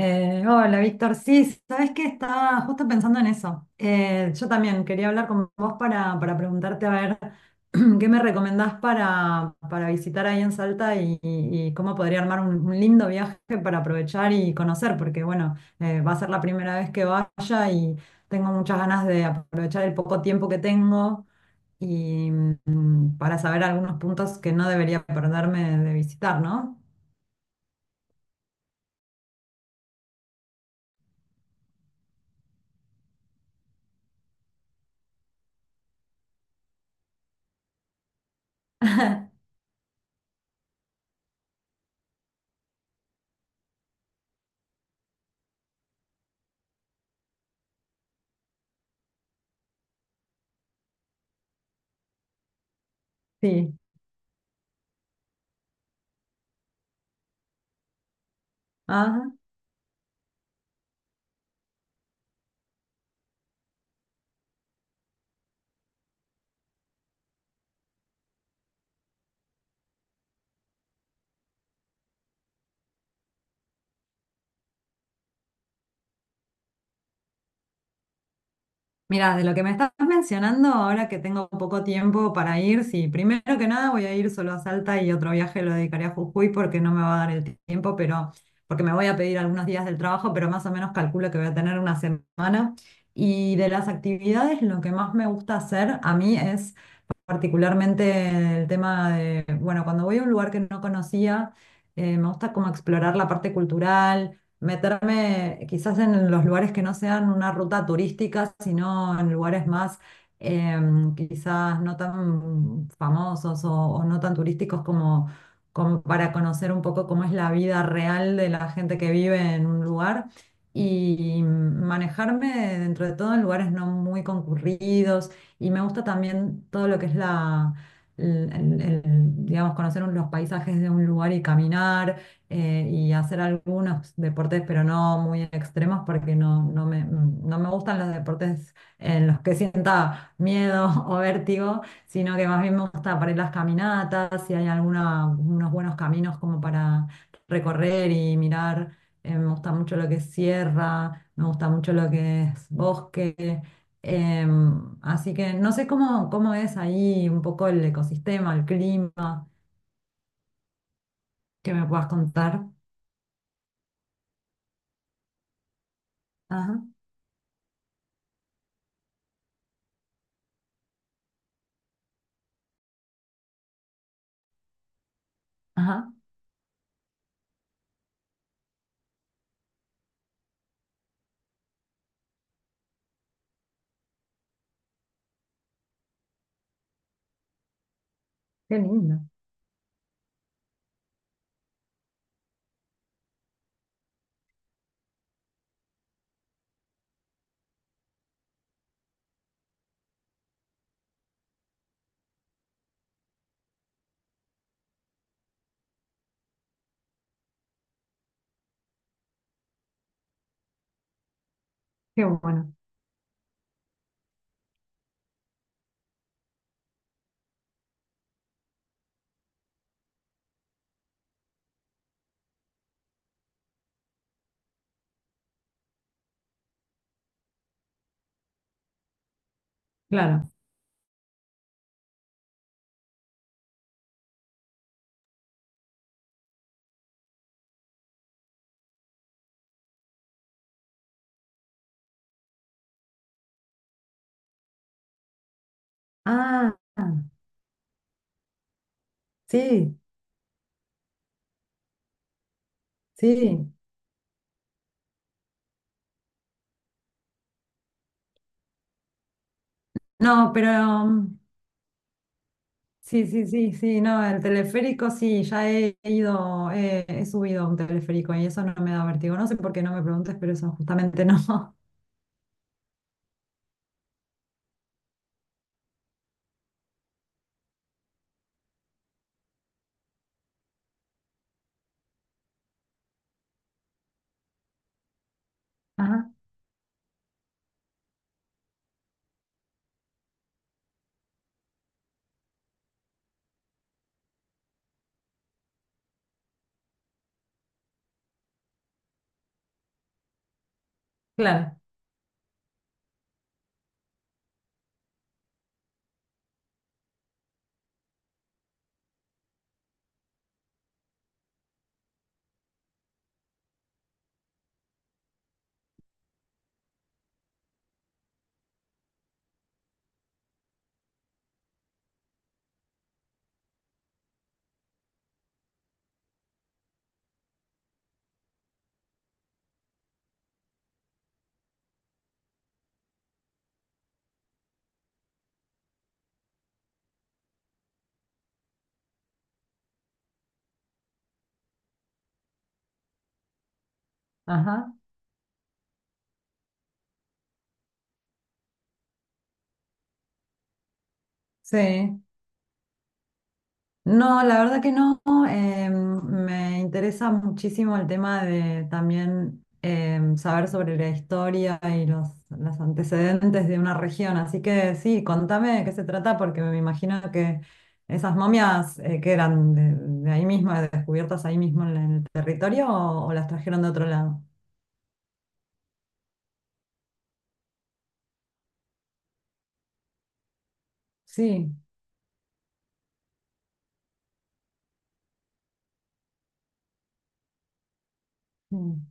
Hola, Víctor. Sí, sabes que estaba justo pensando en eso. Yo también quería hablar con vos para preguntarte a ver qué me recomendás para visitar ahí en Salta y cómo podría armar un lindo viaje para aprovechar y conocer, porque bueno, va a ser la primera vez que vaya y tengo muchas ganas de aprovechar el poco tiempo que tengo y para saber algunos puntos que no debería perderme de visitar, ¿no? Sí. Mira, de lo que me estás mencionando, ahora que tengo poco tiempo para ir, sí, primero que nada voy a ir solo a Salta y otro viaje lo dedicaré a Jujuy porque no me va a dar el tiempo, pero porque me voy a pedir algunos días del trabajo, pero más o menos calculo que voy a tener una semana. Y de las actividades, lo que más me gusta hacer a mí es particularmente el tema de, bueno, cuando voy a un lugar que no conocía, me gusta como explorar la parte cultural, meterme quizás en los lugares que no sean una ruta turística, sino en lugares más eh, quizás no tan famosos o no tan turísticos como, como para conocer un poco cómo es la vida real de la gente que vive en un lugar. Y manejarme dentro de todo en lugares no muy concurridos, y me gusta también todo lo que es la, el- el- el, digamos, los paisajes de un lugar y caminar y hacer algunos deportes, pero no muy extremos, porque no, no me gustan los deportes en los que sienta miedo o vértigo, sino que más bien me gusta para ir las caminatas, si hay alguna, unos buenos caminos como para recorrer y mirar. Me gusta mucho lo que es sierra, me gusta mucho lo que es bosque. Así que no sé cómo, cómo es ahí un poco el ecosistema, el clima, que me puedas contar. Ajá, ajá, qué lindo, qué bueno, claro. Ah, sí, sí. No, pero mm, sí, sí, sí, sí, no, el teleférico sí, ya he ido, he subido a un teleférico y eso no me da vértigo. No sé por qué, no me preguntes, pero eso justamente no. Ajá, claro, ajá, sí. No, la verdad que no. Me interesa muchísimo el tema de también saber sobre la historia y los antecedentes de una región. Así que sí, contame de qué se trata, porque me imagino que esas momias que eran de ahí mismo, descubiertas ahí mismo en el territorio, o las trajeron de otro lado. Sí, mm,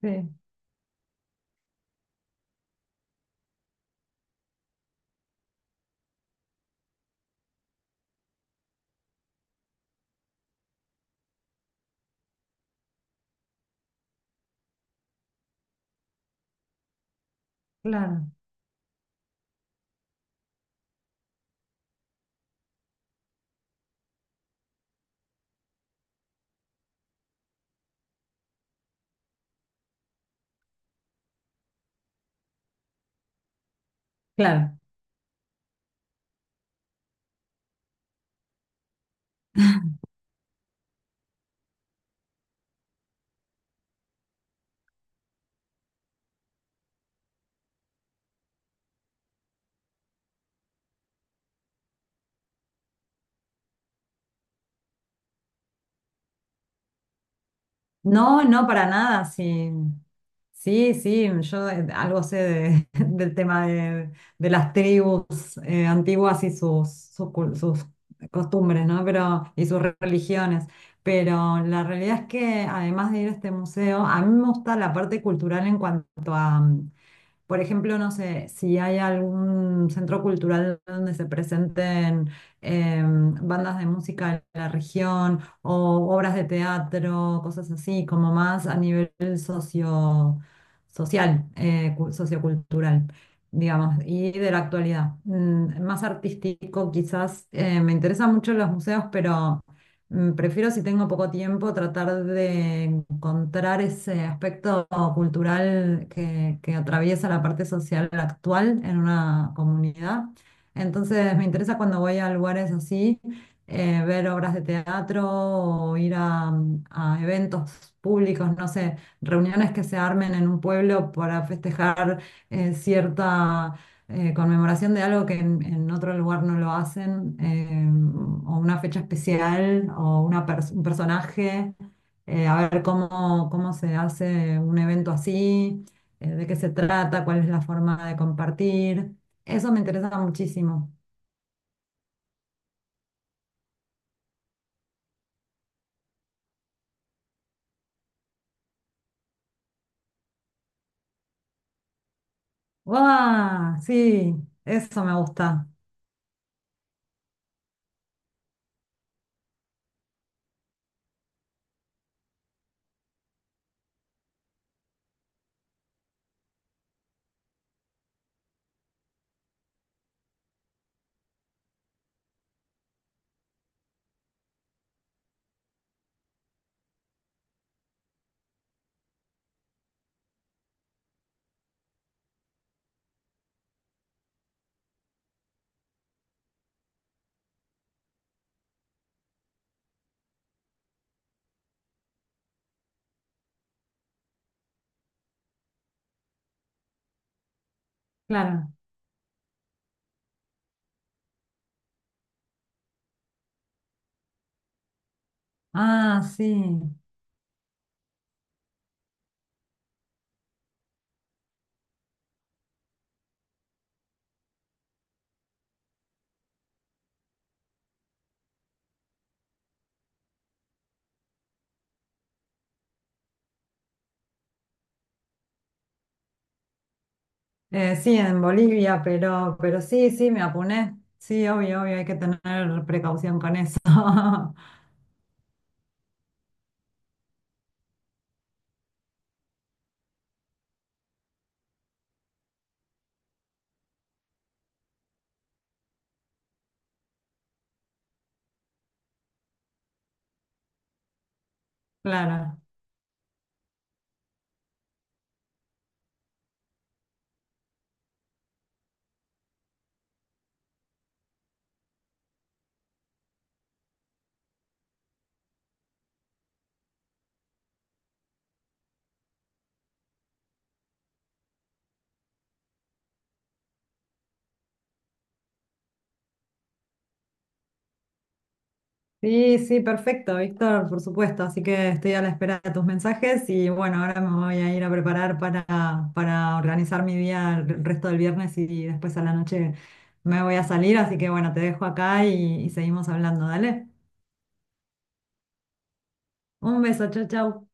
sí, claro, claro. No, no, para nada, sí. Sí, sí, yo algo sé del tema de las tribus antiguas y sus costumbres, ¿no? Pero, y sus religiones. Pero la realidad es que además de ir a este museo, a mí me gusta la parte cultural en cuanto a, por ejemplo, no sé, si hay algún centro cultural donde se presenten bandas de música de la región o obras de teatro, cosas así, como más a nivel socio, social, sociocultural, digamos, y de la actualidad. Más artístico, quizás me interesan mucho los museos, pero prefiero si tengo poco tiempo tratar de encontrar ese aspecto cultural que atraviesa la parte social actual en una comunidad. Entonces me interesa cuando voy a lugares así, ver obras de teatro o ir a eventos públicos, no sé, reuniones que se armen en un pueblo para festejar cierta conmemoración de algo que en otro lugar no lo hacen, o una fecha especial, o una un personaje, a ver cómo, cómo se hace un evento así, de qué se trata, cuál es la forma de compartir. Eso me interesa muchísimo. ¡Guau! Sí, eso me gusta. Claro. Ah, sí. Sí, en Bolivia, pero sí, sí, me apuné. Sí, obvio, obvio, hay que tener precaución con eso. Claro. Sí, sí, perfecto, Víctor, por supuesto. Así que estoy a la espera de tus mensajes y bueno, ahora me voy a ir a preparar para organizar mi día el resto del viernes y después a la noche me voy a salir. Así que bueno, te dejo acá y seguimos hablando, dale. Un beso, chau, chau.